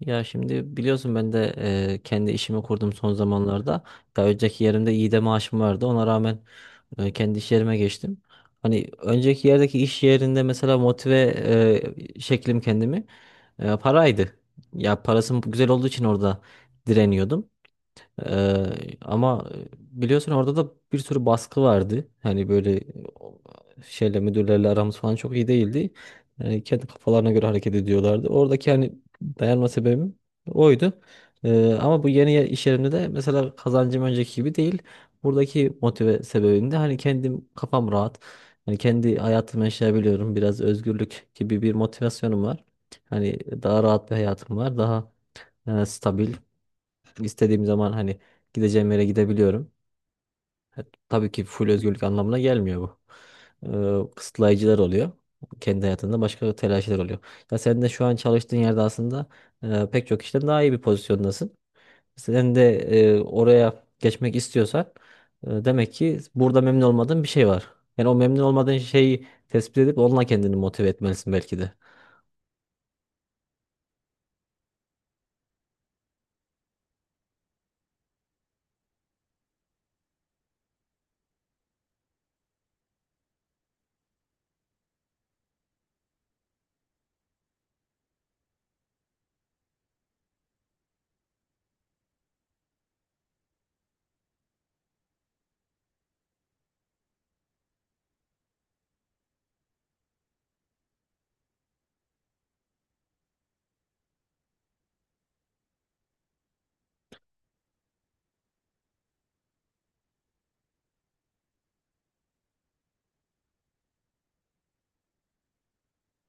Ya şimdi biliyorsun ben de kendi işimi kurdum son zamanlarda. Ya önceki yerimde iyi de maaşım vardı. Ona rağmen kendi iş yerime geçtim. Hani önceki yerdeki iş yerinde mesela motive şeklim kendimi paraydı. Ya parasım güzel olduğu için orada direniyordum. Ama biliyorsun orada da bir sürü baskı vardı. Hani böyle o, şeyle müdürlerle aramız falan çok iyi değildi. Yani kendi kafalarına göre hareket ediyorlardı. Oradaki hani dayanma sebebim oydu. Ama bu iş yerimde de mesela kazancım önceki gibi değil. Buradaki motive sebebim de hani kendim kafam rahat. Hani kendi hayatımı yaşayabiliyorum. Biraz özgürlük gibi bir motivasyonum var. Hani daha rahat bir hayatım var. Daha stabil. İstediğim zaman hani gideceğim yere gidebiliyorum. Tabii ki full özgürlük anlamına gelmiyor bu. Kısıtlayıcılar oluyor. Kendi hayatında başka telaşlar oluyor. Ya sen de şu an çalıştığın yerde aslında pek çok kişiden daha iyi bir pozisyondasın. Sen de oraya geçmek istiyorsan demek ki burada memnun olmadığın bir şey var. Yani o memnun olmadığın şeyi tespit edip onunla kendini motive etmelisin belki de.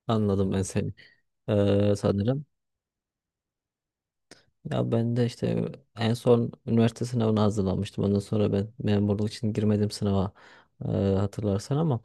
Anladım ben seni. Sanırım. Ya ben de işte en son üniversite sınavına hazırlanmıştım. Ondan sonra ben memurluk için girmedim sınava, hatırlarsan, ama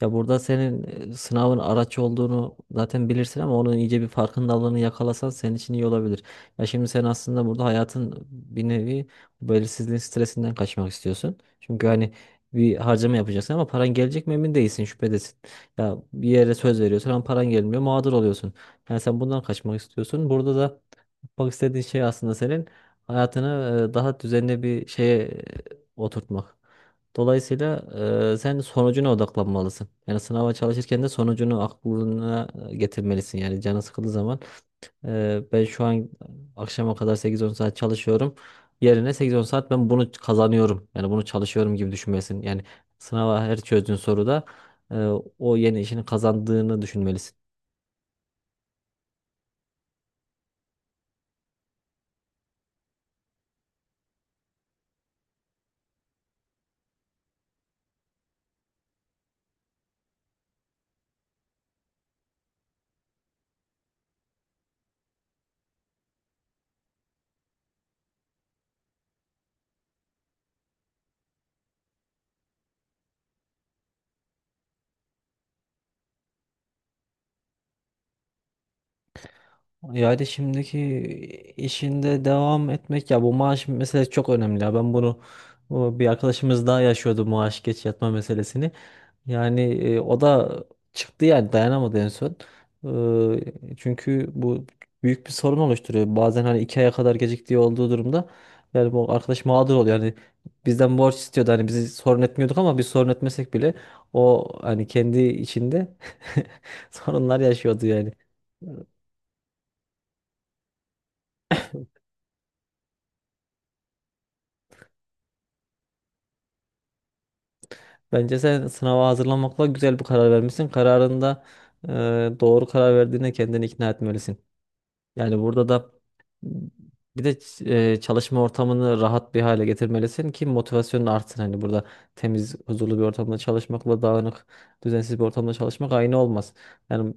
ya burada senin sınavın araç olduğunu zaten bilirsin ama onun iyice bir farkındalığını yakalasan senin için iyi olabilir. Ya şimdi sen aslında burada hayatın bir nevi belirsizliğin stresinden kaçmak istiyorsun. Çünkü hani bir harcama yapacaksın ama paran gelecek mi emin değilsin, şüphedesin. Ya bir yere söz veriyorsun ama paran gelmiyor, mağdur oluyorsun. Yani sen bundan kaçmak istiyorsun. Burada da yapmak istediğin şey aslında senin hayatını daha düzenli bir şeye oturtmak. Dolayısıyla sen sonucuna odaklanmalısın. Yani sınava çalışırken de sonucunu aklına getirmelisin. Yani canın sıkıldığı zaman ben şu an akşama kadar sekiz on saat çalışıyorum. Yerine sekiz on saat ben bunu kazanıyorum. Yani bunu çalışıyorum gibi düşünmelisin. Yani sınava her çözdüğün soruda e, o yeni işini kazandığını düşünmelisin. Yani şimdiki işinde devam etmek, ya bu maaş meselesi çok önemli. Ya ben bunu, bu bir arkadaşımız daha yaşıyordu maaş geç yatma meselesini. Yani o da çıktı, yani dayanamadı en son. Çünkü bu büyük bir sorun oluşturuyor bazen, hani iki aya kadar geciktiği olduğu durumda. Yani bu arkadaş mağdur oluyor yani, bizden borç istiyordu. Hani bizi sorun etmiyorduk ama biz sorun etmesek bile o hani kendi içinde sorunlar yaşıyordu yani. Bence sen sınava hazırlanmakla güzel bir karar vermişsin. Kararında e, doğru karar verdiğine kendini ikna etmelisin. Yani burada da bir de çalışma ortamını rahat bir hale getirmelisin ki motivasyonun artsın. Hani burada temiz, huzurlu bir ortamda çalışmakla dağınık, düzensiz bir ortamda çalışmak aynı olmaz. Yani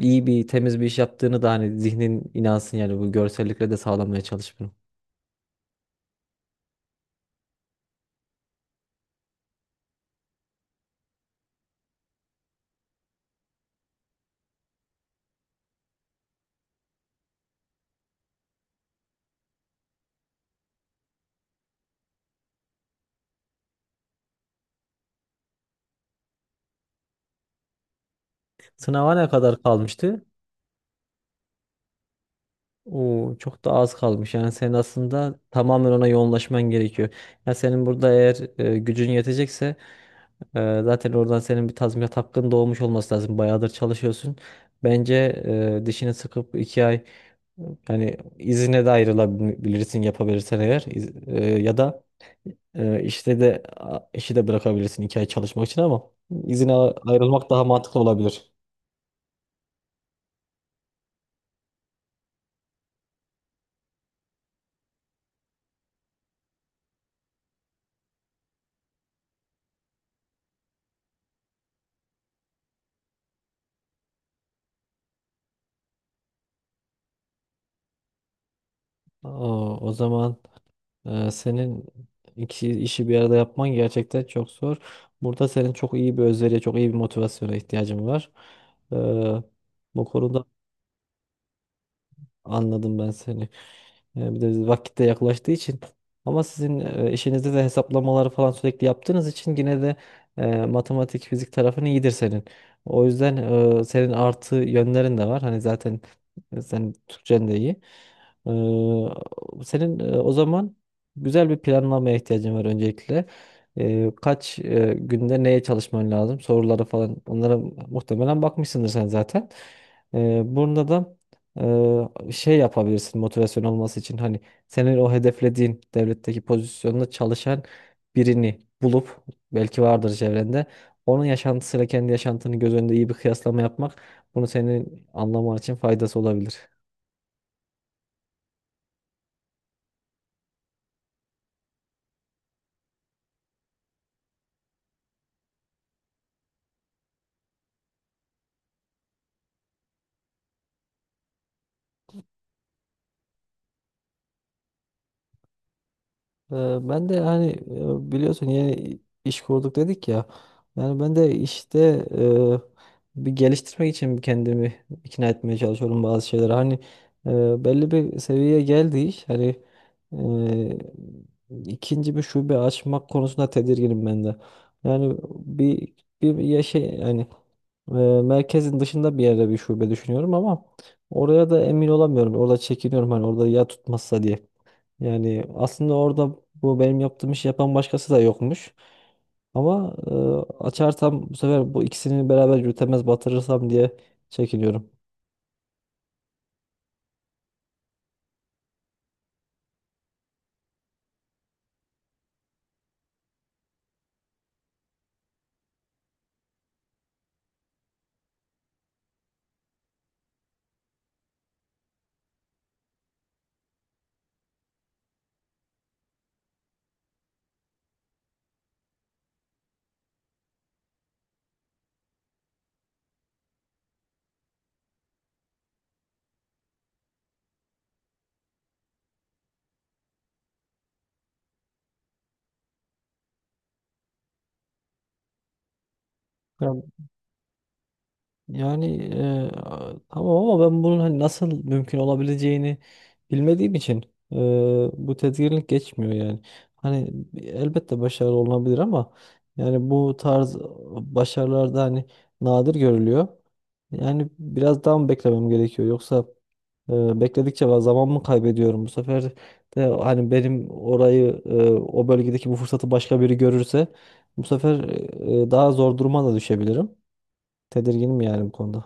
iyi bir, temiz bir iş yaptığını da hani zihnin inansın. Yani bu görsellikle de sağlamaya çalış bunu. Sınava ne kadar kalmıştı? Oo, çok da az kalmış. Yani senin aslında tamamen ona yoğunlaşman gerekiyor. Yani senin burada eğer gücün yetecekse zaten oradan senin bir tazminat hakkın doğmuş olması lazım. Bayağıdır çalışıyorsun. Bence dişini sıkıp iki ay, yani izine de ayrılabilirsin yapabilirsen eğer. Ya da işte de işi de bırakabilirsin iki ay çalışmak için ama izine ayrılmak daha mantıklı olabilir. Aa, o zaman. Senin iki işi bir arada yapman gerçekten çok zor. Burada senin çok iyi bir özveriye, çok iyi bir motivasyona ihtiyacın var. Ee, Bu konuda. Anladım ben seni. Bir de vakitte yaklaştığı için. Ama sizin işinizde de hesaplamaları falan sürekli yaptığınız için yine de matematik, fizik tarafın iyidir senin. O yüzden senin artı yönlerin de var. Hani zaten sen Türkçen de iyi. Senin o zaman güzel bir planlamaya ihtiyacın var öncelikle. Kaç günde neye çalışman lazım? Soruları falan. Onlara muhtemelen bakmışsındır sen zaten. Bunda da şey yapabilirsin motivasyon olması için. Hani senin o hedeflediğin devletteki pozisyonda çalışan birini bulup, belki vardır çevrende, onun yaşantısıyla kendi yaşantını göz önünde iyi bir kıyaslama yapmak, bunu senin anlaman için faydası olabilir. Ee, Ben de hani biliyorsun yeni iş kurduk dedik ya. Yani ben de işte bir geliştirmek için kendimi ikna etmeye çalışıyorum bazı şeylere. Hani belli bir seviyeye geldi iş. Hani ikinci bir şube açmak konusunda tedirginim ben de. Yani bir ya şey yani e, merkezin dışında bir yerde bir şube düşünüyorum ama oraya da emin olamıyorum. Orada çekiniyorum, hani orada ya tutmazsa diye. Yani aslında orada bu benim yaptığım işi yapan başkası da yokmuş. Ama açarsam bu sefer bu ikisini beraber yürütemez, batırırsam diye çekiniyorum. Ya- Yani tamam ama ben bunun hani nasıl mümkün olabileceğini bilmediğim için e, bu tedirginlik geçmiyor yani. Hani elbette başarılı olunabilir ama yani bu tarz başarılarda hani nadir görülüyor. Yani biraz daha mı beklemem gerekiyor yoksa bekledikçe ben zaman mı kaybediyorum bu sefer de? Hani benim orayı, o bölgedeki bu fırsatı başka biri görürse bu sefer daha zor duruma da düşebilirim. Tedirginim yani bu konuda.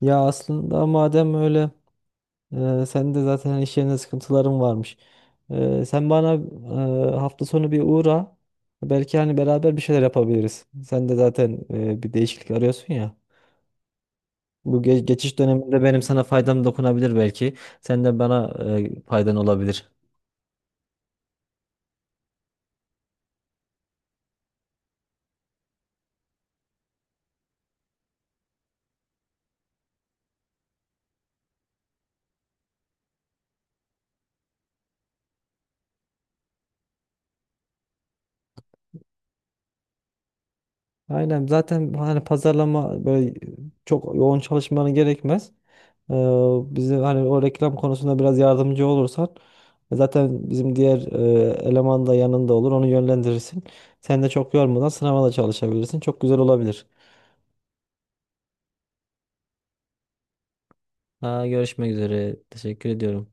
Ya aslında madem öyle, senin de zaten iş yerinde sıkıntıların varmış. Sen bana hafta sonu bir uğra. Belki hani beraber bir şeyler yapabiliriz. Sen de zaten bir değişiklik arıyorsun ya. Bu geçiş döneminde benim sana faydam dokunabilir belki. Sen de bana faydan olabilir. Aynen, zaten hani pazarlama böyle çok yoğun çalışmanı gerekmez. Ee, Bize hani o reklam konusunda biraz yardımcı olursan zaten bizim diğer eleman da yanında olur, onu yönlendirirsin. Sen de çok yormadan sınava da çalışabilirsin. Çok güzel olabilir. Ha, görüşmek üzere. Teşekkür ediyorum.